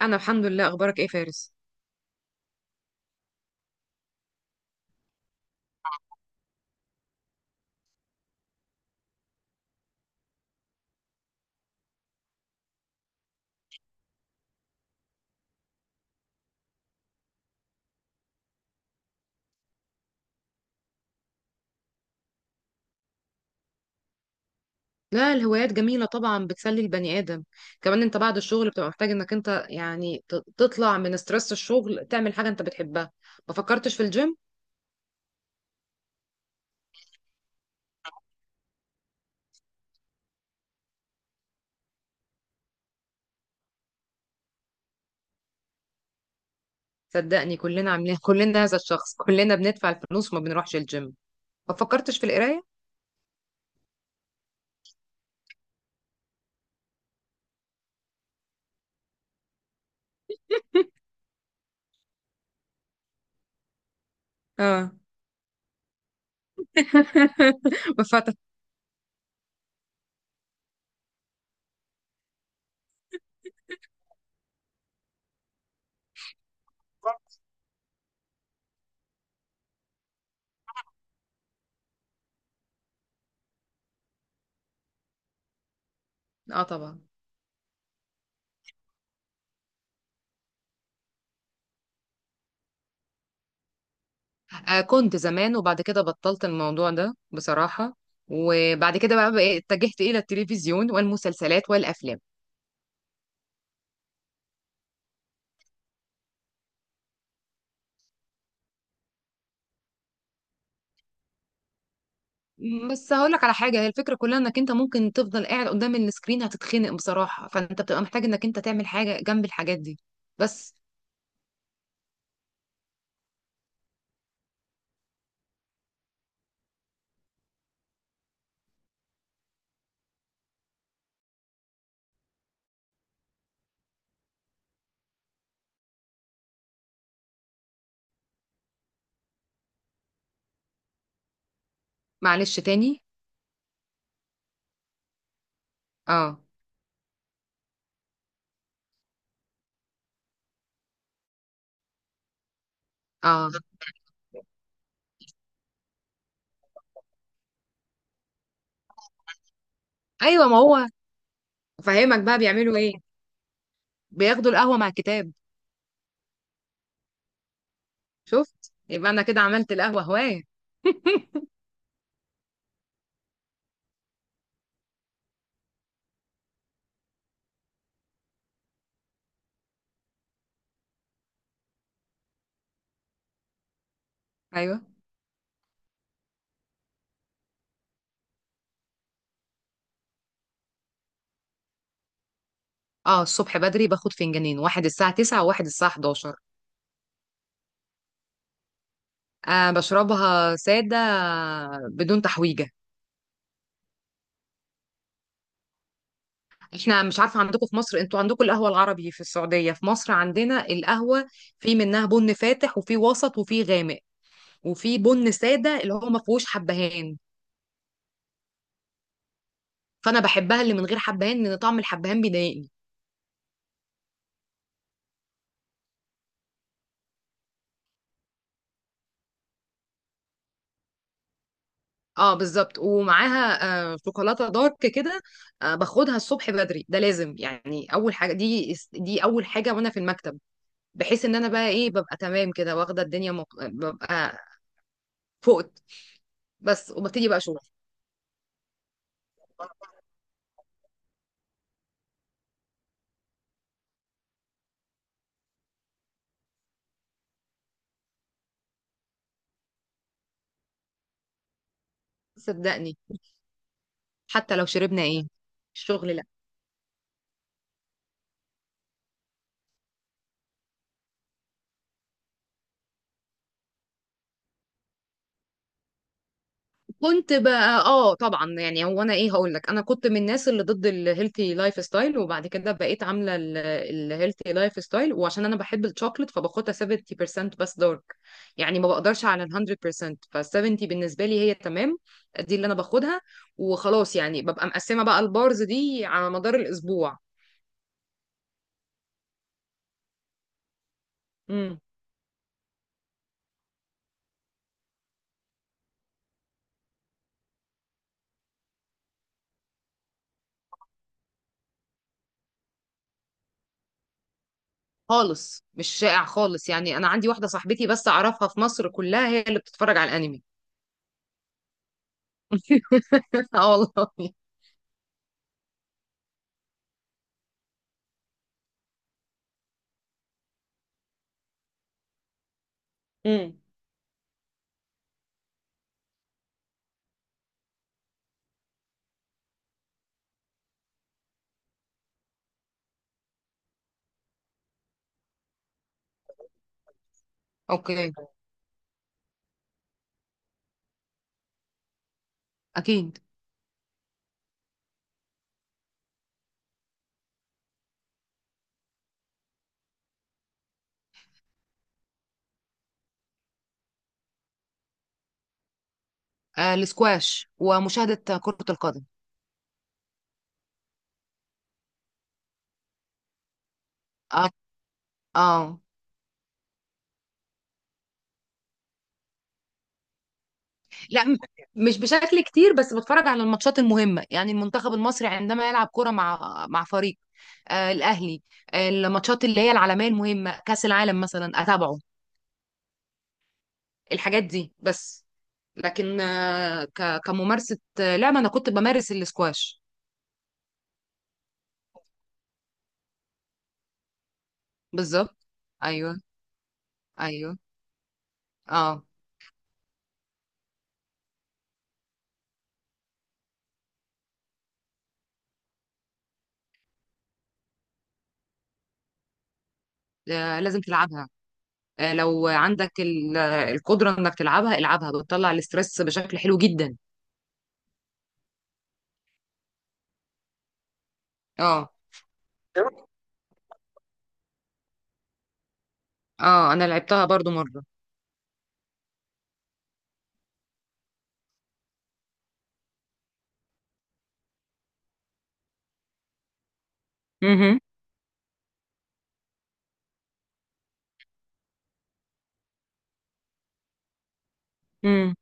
انا الحمد لله، اخبارك ايه فارس؟ لا، الهوايات جميله طبعا، بتسلي البني ادم. كمان انت بعد الشغل بتبقى محتاج انك انت يعني تطلع من ستريس الشغل، تعمل حاجه انت بتحبها. ما فكرتش في الجيم؟ صدقني كلنا عاملين كلنا هذا الشخص، كلنا بندفع الفلوس وما بنروحش الجيم. ما فكرتش في القرايه؟ اه. ما فاتك. اه طبعا. آه كنت زمان، وبعد كده بطلت الموضوع ده بصراحه. وبعد كده بقى اتجهت الى التلفزيون والمسلسلات والافلام. بس هقول لك على حاجه، هي الفكره كلها انك انت ممكن تفضل قاعد قدام السكرين، هتتخنق بصراحه، فانت بتبقى محتاج انك انت تعمل حاجه جنب الحاجات دي. بس. معلش، تاني؟ اه. اه. ايوه، ما هو فاهمك. بقى بيعملوا ايه؟ بياخدوا القهوه مع الكتاب. شفت، يبقى انا كده عملت القهوه هوايه. ايوه. اه الصبح بدري باخد فنجانين، واحد الساعه 9 وواحد الساعه 11. آه بشربها ساده، بدون تحويجه. احنا مش عارفه، عندكم في مصر انتوا عندكم القهوه العربي، في السعوديه، في مصر عندنا القهوه، في منها بن فاتح وفي وسط وفي غامق، وفي بن ساده اللي هو ما فيهوش حبهان. فانا بحبها اللي من غير حبهان لان طعم الحبهان بيضايقني. اه بالظبط، ومعاها آه شوكولاته دارك كده. آه باخدها الصبح بدري، ده لازم يعني اول حاجه، دي اول حاجه وانا في المكتب. بحيث ان انا بقى ايه، ببقى تمام كده، واخده الدنيا ببقى فقت. بس، وببتدي بقى شغل. صدقني. حتى لو شربنا ايه. الشغل، لا. كنت بقى اه طبعا، يعني هو انا ايه هقول لك، انا كنت من الناس اللي ضد الهيلثي لايف ستايل، وبعد كده بقيت عامله الهيلثي لايف ستايل، وعشان انا بحب الشوكليت فباخدها 70% بس دارك. يعني ما بقدرش على ال 100%، ف 70 بالنسبه لي هي تمام. دي اللي انا باخدها، وخلاص يعني ببقى مقسمه بقى البارز دي على مدار الاسبوع. امم خالص، مش شائع خالص، يعني انا عندي واحده صاحبتي بس اعرفها في مصر كلها هي اللي بتتفرج على الانمي. اه والله. امم اوكي، اكيد. آه الاسكواش، ومشاهده كره القدم. اه. اه. لا، مش بشكل كتير، بس بتفرج على الماتشات المهمه، يعني المنتخب المصري عندما يلعب كره مع فريق آه الاهلي. آه الماتشات اللي هي العالميه المهمه، كاس العالم مثلا اتابعه. الحاجات دي بس. لكن كممارسه، لعبه، انا كنت بمارس الاسكواش. بالظبط. ايوه. ايوه. اه. آه، لازم تلعبها. آه، لو عندك القدرة انك تلعبها العبها، بتطلع الاسترس بشكل حلو جدا. اه. اه. انا لعبتها برضو مرة. مهم. مم.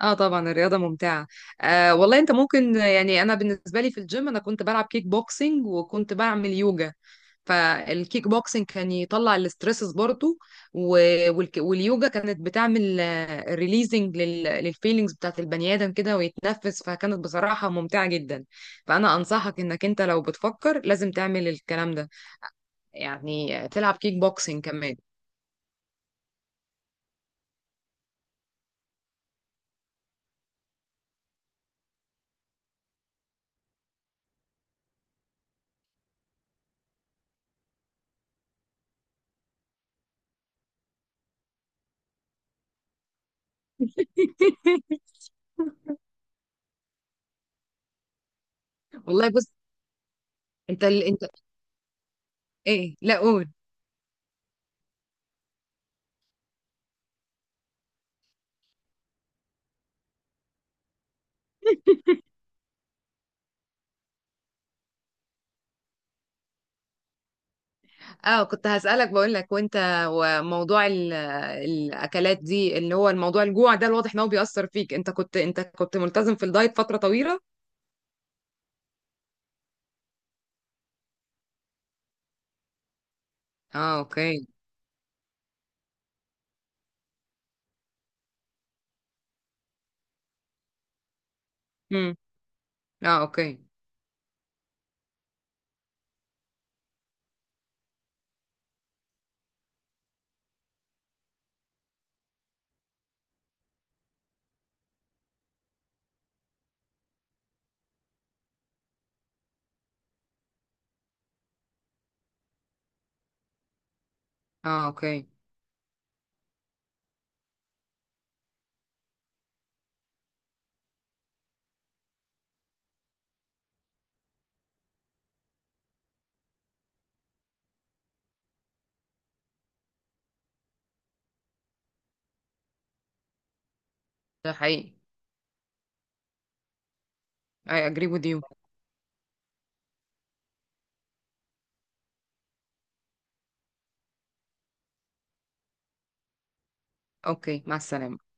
اه طبعا، الرياضة ممتعة. آه والله، انت ممكن يعني انا بالنسبة لي في الجيم انا كنت بلعب كيك بوكسينج، وكنت بعمل يوجا. فالكيك بوكسينج كان يطلع الاسترسز برضو، واليوجا كانت بتعمل ريليزنج للفيلينجز بتاعت البني ادم كده ويتنفس. فكانت بصراحة ممتعة جدا. فانا انصحك انك انت لو بتفكر لازم تعمل الكلام ده، يعني تلعب كيك بوكسينج كمان. والله بص، انت. ايه، لا، قول. اه كنت هسألك، بقول لك وانت، وموضوع الاكلات دي اللي هو الموضوع الجوع ده، الواضح ان هو بيأثر فيك، انت كنت ملتزم في الدايت فترة طويلة؟ اه اوكي. امم اه اوكي. اه اوكي. ده حقيقي. I agree with you. اوكي، مع السلامة.